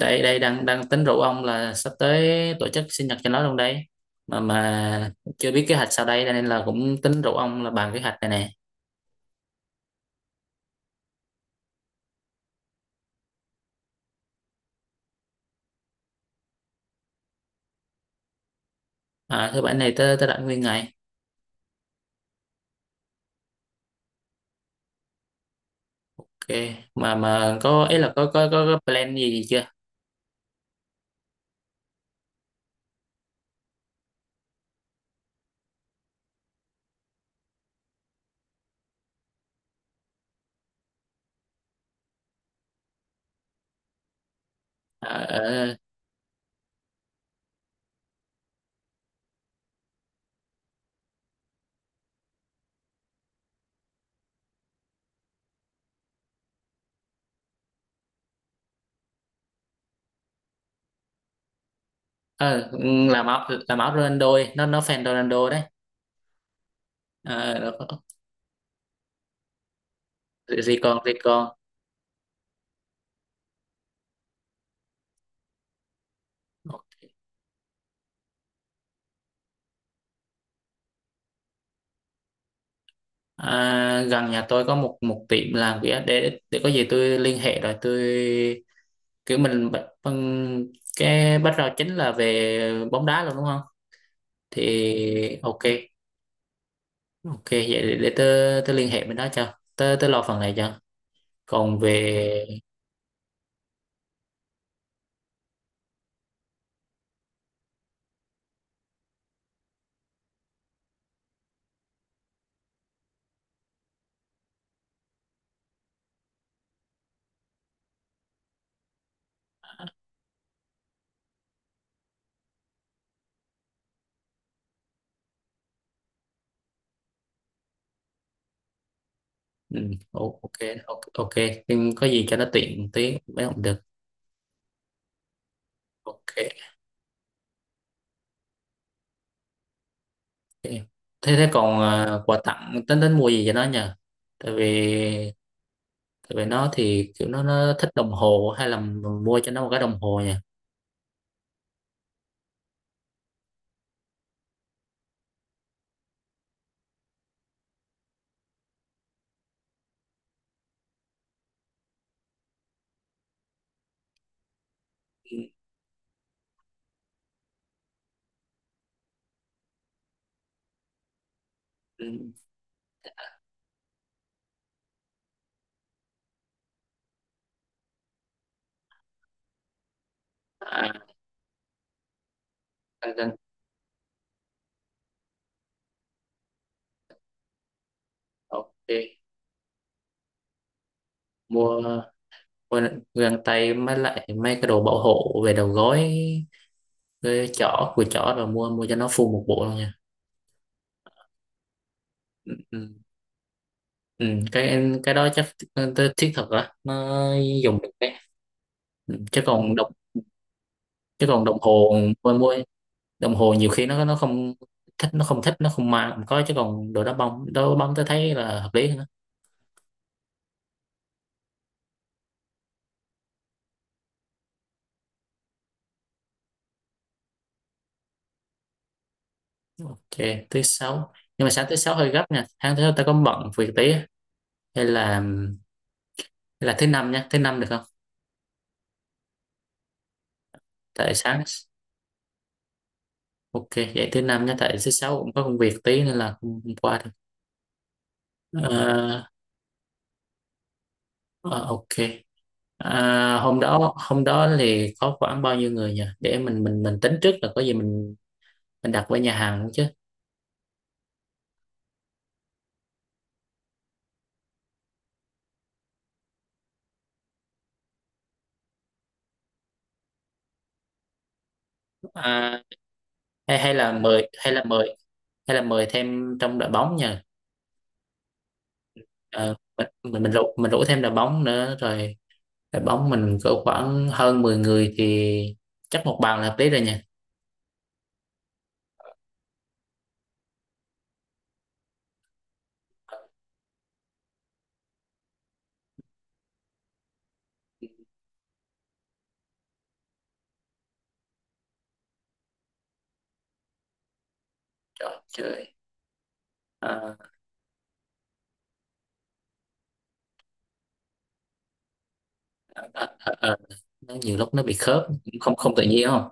Đây đây đang đang tính rủ ông là sắp tới tổ chức sinh nhật cho nó luôn đây. Mà chưa biết kế hoạch sau đây nên là cũng tính rủ ông là bàn kế hoạch này nè. Thứ bảy này tới tới rảnh nguyên ngày. Ok. Mà có ý là có plan gì chưa? à, ờ, ờ, làm áo làm áo Ronaldo ấy, nó fan Ronaldo đấy. À, nó có- gì gì còn gì còn. Gần nhà tôi có một một tiệm làm vỉa để có gì tôi liên hệ rồi tôi kiểu mình cái background chính là về bóng đá luôn đúng không? Thì ok. Ok vậy để tớ tớ liên hệ bên đó cho tớ tớ lo phần này cho. Còn về ừ, ok, ok, ok, nhưng có gì cho nó tiện tí mới không được. Ok, ok. thế thế còn quà tặng tính tính mua gì cho nó nhờ? Tại vì tại vì nó thì kiểu nó thích đồng hồ, hay là mua cho nó một cái đồng hồ nhỉ? Ừ, ừ. à, Căng căng. Ok, mua quên găng tay mới lại mấy cái đồ bảo hộ về đầu gối, cái chỏ của chỏ rồi mua mua cho nó full một bộ luôn nha. Ừ, ừ. Ừ, cái đó chắc tới thiết thực á, nó dùng được đấy. Chứ còn đồng chứ còn đồng hồ, mua mua đồng hồ nhiều khi nó không thích, nó không thích, nó không mang không có. Chứ còn đồ đá bóng, đồ bóng tôi thấy là hợp lý hơn á. Ok thứ sáu, nhưng mà sáng thứ sáu hơi gấp nha, sáng thứ sáu ta có bận việc tí á. Hay là thứ năm nha, thứ năm được không? Tại sáng Ok, vậy thứ năm nhé, tại thứ sáu cũng có công việc tí nên là không qua được. Ờ, ờ, ok. À, hôm đó thì có khoảng bao nhiêu người nhỉ? Để mình tính trước là có gì mình đặt với nhà hàng chứ. À, hay hay là mời hay là mời hay là mời thêm trong đội bóng nhỉ? Ờ, mình rủ thêm đội bóng nữa rồi. Đội bóng mình cỡ khoảng hơn 10 người thì chắc một bàn là hợp lý rồi nhỉ. Trời, trời. À, à, à, à. Nó nhiều lúc nó bị khớp, không không tự nhiên không?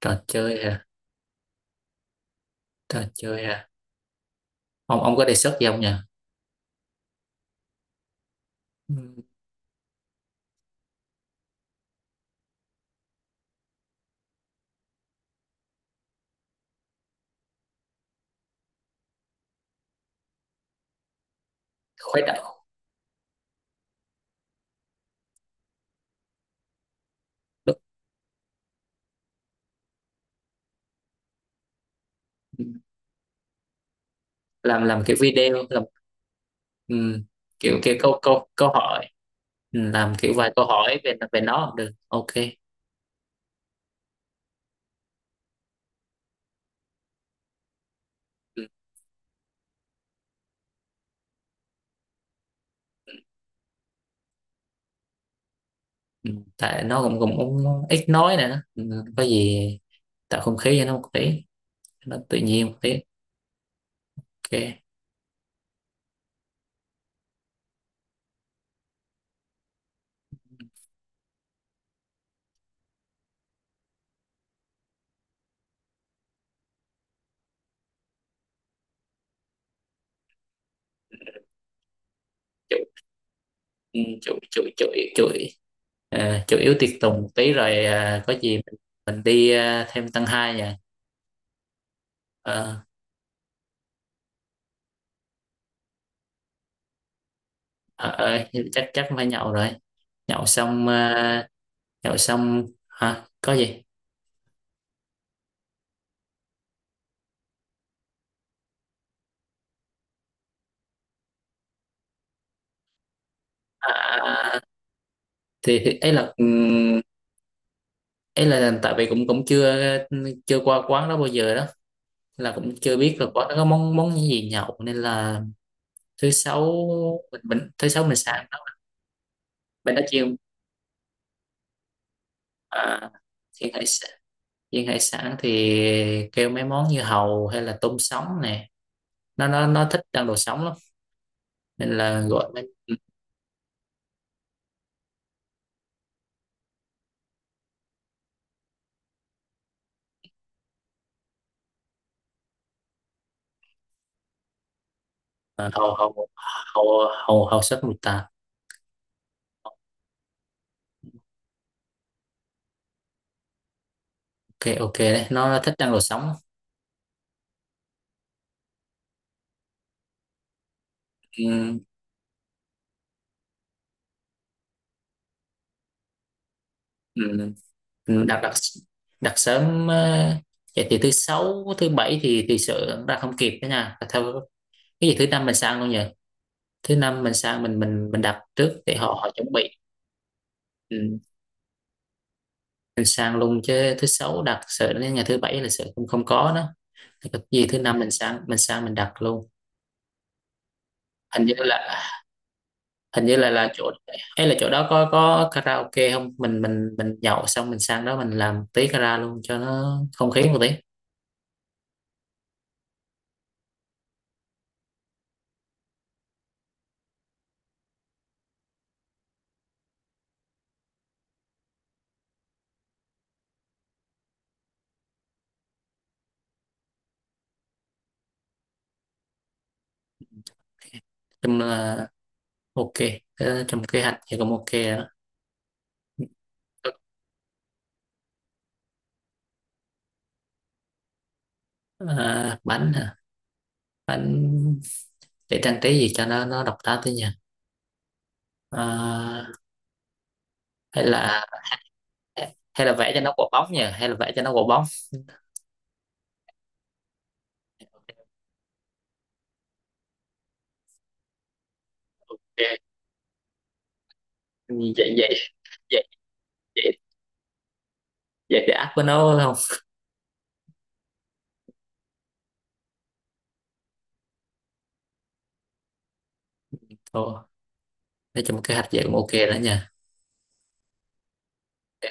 trò chơi hả trò chơi hả? Ông có đề xuất gì không nhỉ? Ừm, khuấy động. lúc- làm kiểu video làm, ừm, kiểu kiểu câu câu câu hỏi. Làm kiểu vài câu hỏi về về nó cũng được, ok. Ừm, tại nó cũng cũng, cũng ít nói nè. Có gì tạo không khí cho nó một tí, nó tự nhiên một tí. Ok. chủ chủ chủ chủ chủ à, Chủ yếu tiệc tùng một tí rồi, có gì mình đi thêm tăng hai nha. Ờ, ờ ờ, chắc chắc phải nhậu rồi. nhậu xong ờ, Nhậu xong hả, có gì. À, à, à, à. Thì ấy là tại vì cũng cũng chưa, qua quán đó bao giờ, đó là cũng chưa biết là quán đó có món món gì nhậu nên là thứ sáu thứ sáu mình sáng đó mình đã chiên. à, chiên hải sản. Chiên hải sản thì kêu mấy món như hàu hay là tôm sống nè, nó thích ăn đồ sống lắm nên là gọi mấy. Hầu hầu hầu hầu hầu sắc mùi tạt. Ok, ok đấy, nó thích ăn đồ sống. Ừ, ừ. Ừ, đặt đặt đặt sớm. Ờ, Vậy thì thứ sáu thứ bảy thì sợ ra không kịp đó nha theo, cái gì thứ năm mình sang luôn nhỉ? Thứ năm mình sang, mình đặt trước để họ họ chuẩn bị. Ừ. Mình sang luôn chứ thứ sáu đặt sợ đến ngày thứ bảy là sợ không không có đó. Thì cái gì thứ năm mình sang mình đặt luôn. Hình như là hình như là là chỗ. Hay là chỗ đó có karaoke không? Mình nhậu xong mình sang đó mình làm tí kara luôn cho nó không khí một tí. Chung là ok. Ờ, trong kế hoạch thì cũng ok rồi đó. Ờ, bánh hả? Bánh để trang trí gì cho nó độc đáo tí nhỉ. Ờ, hay là hay là vẽ cho nó quả bóng nhỉ, hay là vẽ cho nó quả bóng. Ok. vậy vậy vậy vậy vậy thì áp với nó phải không? Thôi, nói chung kế hoạch vậy cũng ok đó nha. Ok.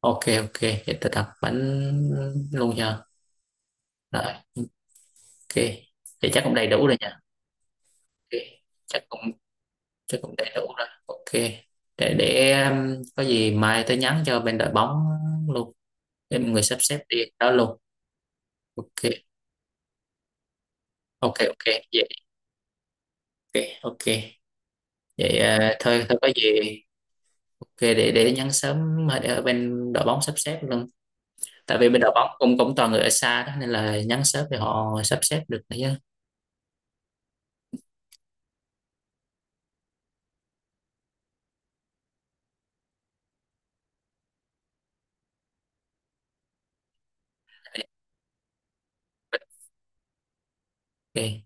Ok, ok, vậy tôi đặt bánh luôn nha. Rồi ok, vậy chắc cũng đầy đủ rồi nha. Ok, chắc cũng chắc cũng đầy đủ rồi, ok. Để có gì mai tôi nhắn cho bên đội bóng luôn để mọi người sắp xếp đi đó luôn. Ok, ok, ok vậy, ok, ok vậy, thôi, thôi có gì. Ok, để nhắn sớm ở ở bên đội bóng sắp xếp luôn. Tại vì bên đội bóng cũng cũng toàn người ở xa đó nên là nhắn sớm thì họ sắp xếp được nữa chứ. Ok.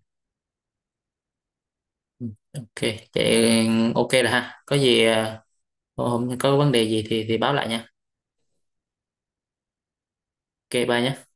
Ừ, ok, vậy ok rồi ha. Có gì hôm có vấn đề gì thì báo lại nha. Ok, bye nhé.